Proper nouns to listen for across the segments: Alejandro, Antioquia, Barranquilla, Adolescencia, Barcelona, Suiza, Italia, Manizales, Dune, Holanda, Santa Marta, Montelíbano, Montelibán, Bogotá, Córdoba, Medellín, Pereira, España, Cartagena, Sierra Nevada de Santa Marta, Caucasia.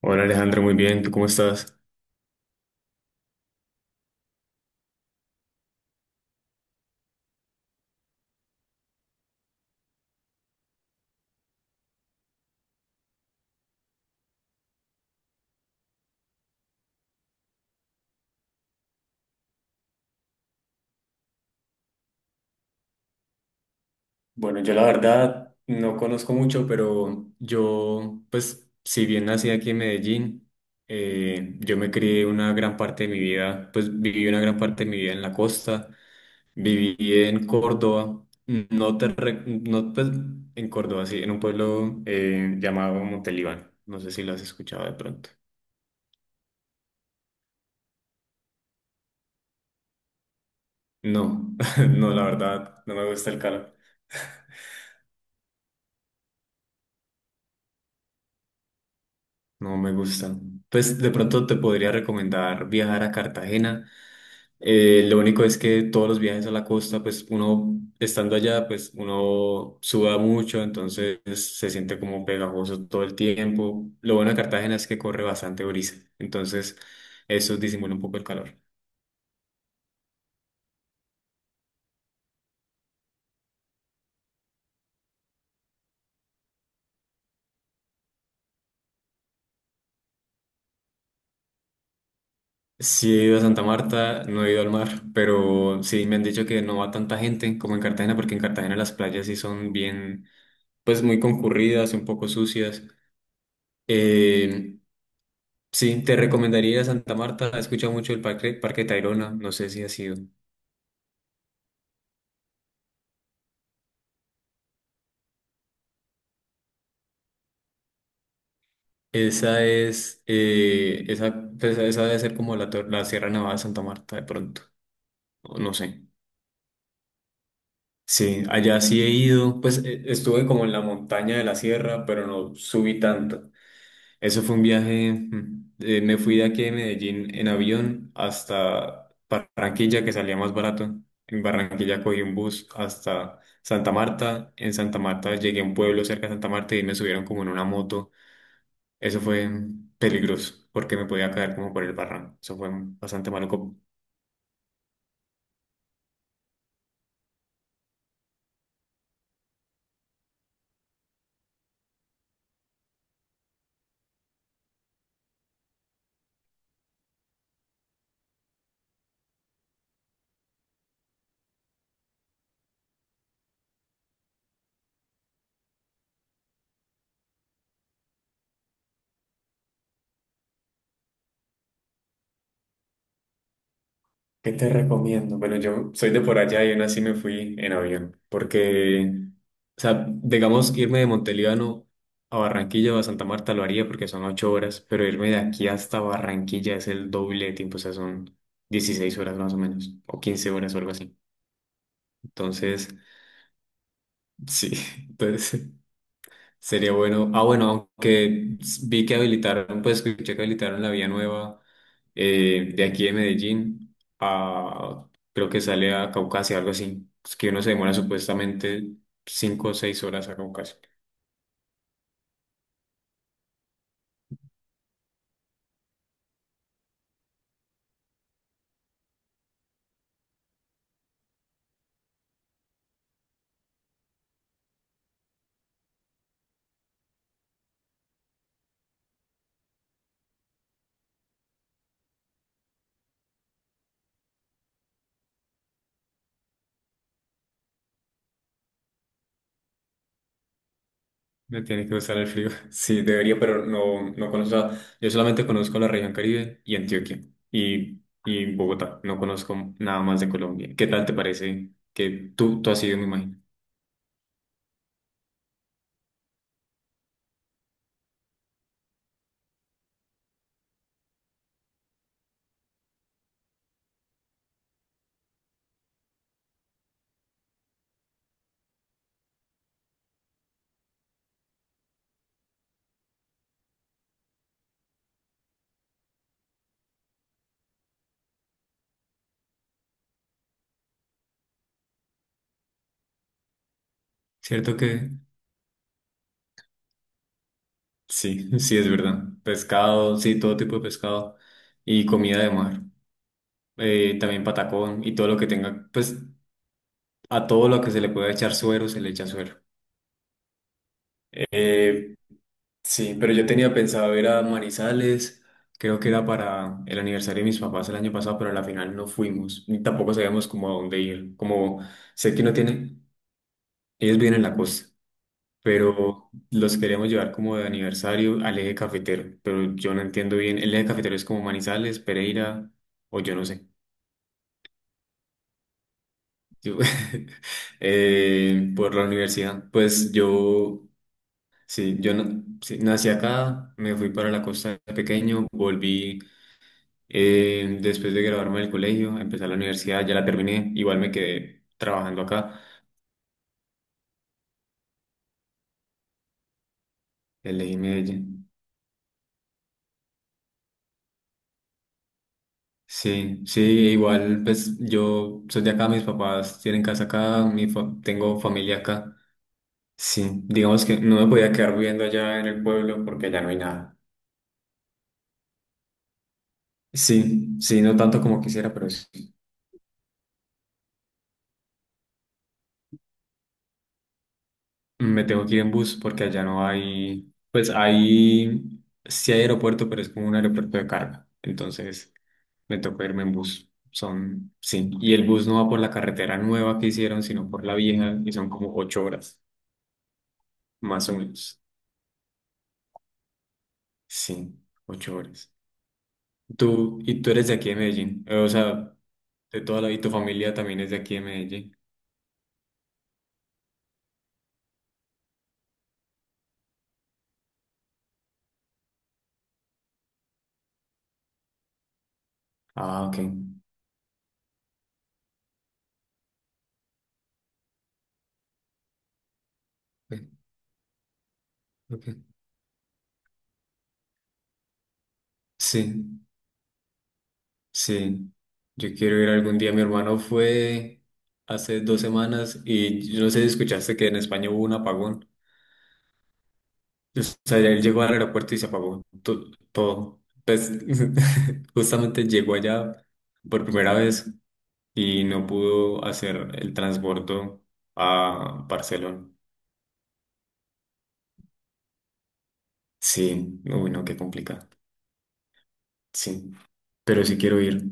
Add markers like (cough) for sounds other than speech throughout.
Hola Alejandro, muy bien, ¿tú cómo estás? Bueno, yo la verdad no conozco mucho, pero yo, pues, si bien nací aquí en Medellín, yo me crié una gran parte de mi vida, pues viví una gran parte de mi vida en la costa, viví en Córdoba, no te, re- no, pues, en Córdoba, sí, en un pueblo llamado Montelibán, no sé si lo has escuchado de pronto. No, (laughs) no, la verdad, no me gusta el calor. No me gusta. Pues de pronto te podría recomendar viajar a Cartagena. Lo único es que todos los viajes a la costa, pues uno estando allá, pues uno suda mucho, entonces se siente como pegajoso todo el tiempo. Lo bueno de Cartagena es que corre bastante brisa, entonces eso disimula un poco el calor. Sí he ido a Santa Marta, no he ido al mar, pero sí me han dicho que no va tanta gente como en Cartagena, porque en Cartagena las playas sí son bien, pues muy concurridas, un poco sucias. Eh, Sí, te recomendaría Santa Marta. He escuchado mucho el Parque Tayrona. No sé si ha sido. Esa es, eh, esa, pues, esa debe ser como la Sierra Nevada de Santa Marta de pronto. O no sé. Sí, allá sí he ido. Pues estuve como en la montaña de la sierra, pero no subí tanto. Eso fue un viaje, me fui de aquí de Medellín en avión hasta Barranquilla, que salía más barato. En Barranquilla cogí un bus hasta Santa Marta. En Santa Marta llegué a un pueblo cerca de Santa Marta y me subieron como en una moto. Eso fue peligroso porque me podía caer como por el barranco. Eso fue bastante maluco. ¿Qué te recomiendo? Bueno, yo soy de por allá y aún así me fui en avión, porque, o sea, digamos, irme de Montelíbano a Barranquilla o a Santa Marta lo haría porque son 8 horas, pero irme de aquí hasta Barranquilla es el doble de tiempo, o sea, son 16 horas más o menos, o 15 horas o algo así. Entonces, sí, (laughs) entonces sería bueno. Ah, bueno, aunque vi que habilitaron, pues escuché que habilitaron la vía nueva de aquí de Medellín a, creo que sale a Caucasia, algo así. Es que uno se demora supuestamente 5 o 6 horas a Caucasia. Me tiene que gustar el frío. (laughs) Sí, debería, pero no, no conozco. Yo solamente conozco la región Caribe y Antioquia y Bogotá. No conozco nada más de Colombia. ¿Qué tal te parece? Que tú has ido, me imagino. ¿Cierto que? Sí, (laughs) sí, es verdad. Pescado, sí, todo tipo de pescado y comida de mar también patacón y todo lo que tenga, pues a todo lo que se le pueda echar suero, se le echa suero. Eh, sí, pero yo tenía pensado ir a Manizales, creo que era para el aniversario de mis papás el año pasado, pero a la final no fuimos, ni tampoco sabíamos como a dónde ir. Como sé que no tiene, ellos viven en la costa, pero los queríamos llevar como de aniversario al eje cafetero, pero yo no entiendo bien, el eje cafetero es como Manizales, Pereira, o yo no sé. Yo- (laughs) por la universidad, pues yo sí, sí, nací acá, me fui para la costa de pequeño, volví después de graduarme del colegio, empecé la universidad, ya la terminé, igual me quedé trabajando acá, elegí Medellín. Sí, sí, igual pues yo soy de acá, mis papás tienen casa acá, tengo familia acá. Sí, digamos que no me podía quedar viviendo allá en el pueblo porque allá no hay nada. Sí, sí, no tanto como quisiera, pero sí. Me tengo que ir en bus porque allá no hay, pues hay, sí hay aeropuerto, pero es como un aeropuerto de carga. Entonces me tocó irme en bus. Son, sí. Y el bus no va por la carretera nueva que hicieron, sino por la vieja y son como 8 horas, más o menos. Sí, 8 horas. Tú, y tú eres de aquí de Medellín. O sea, de toda la, y tu familia también es de aquí de Medellín. Ah, ok. Ok, ok. Sí. Sí, yo quiero ir algún día. Mi hermano fue hace 2 semanas y yo no sé si escuchaste que en España hubo un apagón. O sea, él llegó al aeropuerto y se apagó todo. Pues (laughs) justamente llegó allá por primera vez y no pudo hacer el transbordo a Barcelona. Sí, uy, no, qué complicado. Sí, pero sí quiero ir.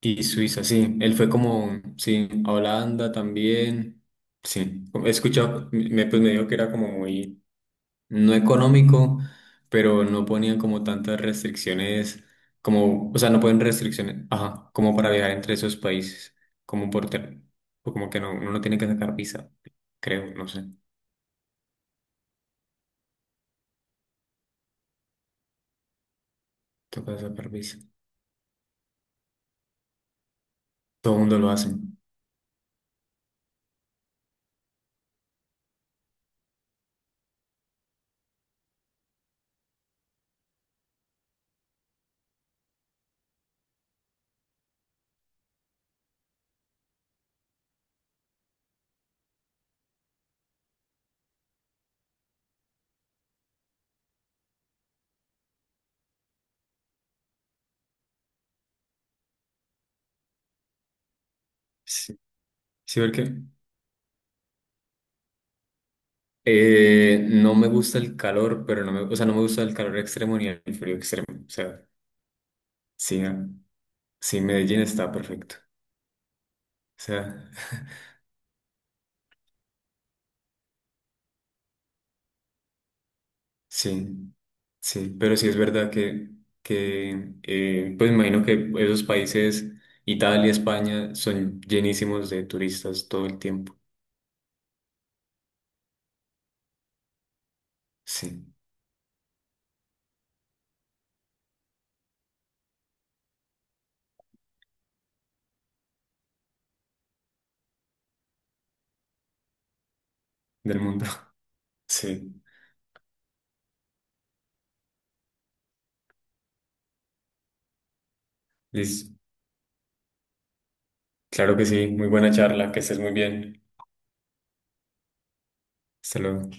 Y Suiza, sí. Él fue como, sí, a Holanda también. Sí, he escuchado, me, pues me dijo que era como muy, no económico, pero no ponían como tantas restricciones, como, o sea, no ponen restricciones, ajá, como para viajar entre esos países, como por, ter- o como que no, uno no tiene que sacar visa, creo, no sé, toca sacar visa. Todo el mundo lo hace. Sí, sí, porque no me gusta el calor, pero no me, o sea, no me gusta el calor extremo ni el frío extremo, o sea. Sí, ¿no? Sí, Medellín está perfecto. O sea, sí, sí, pero sí es verdad que pues imagino que esos países, Italia, España, son llenísimos de turistas todo el tiempo, sí, del mundo. (laughs) Sí, listo. Claro que sí, muy buena charla, que estés muy bien. Hasta luego.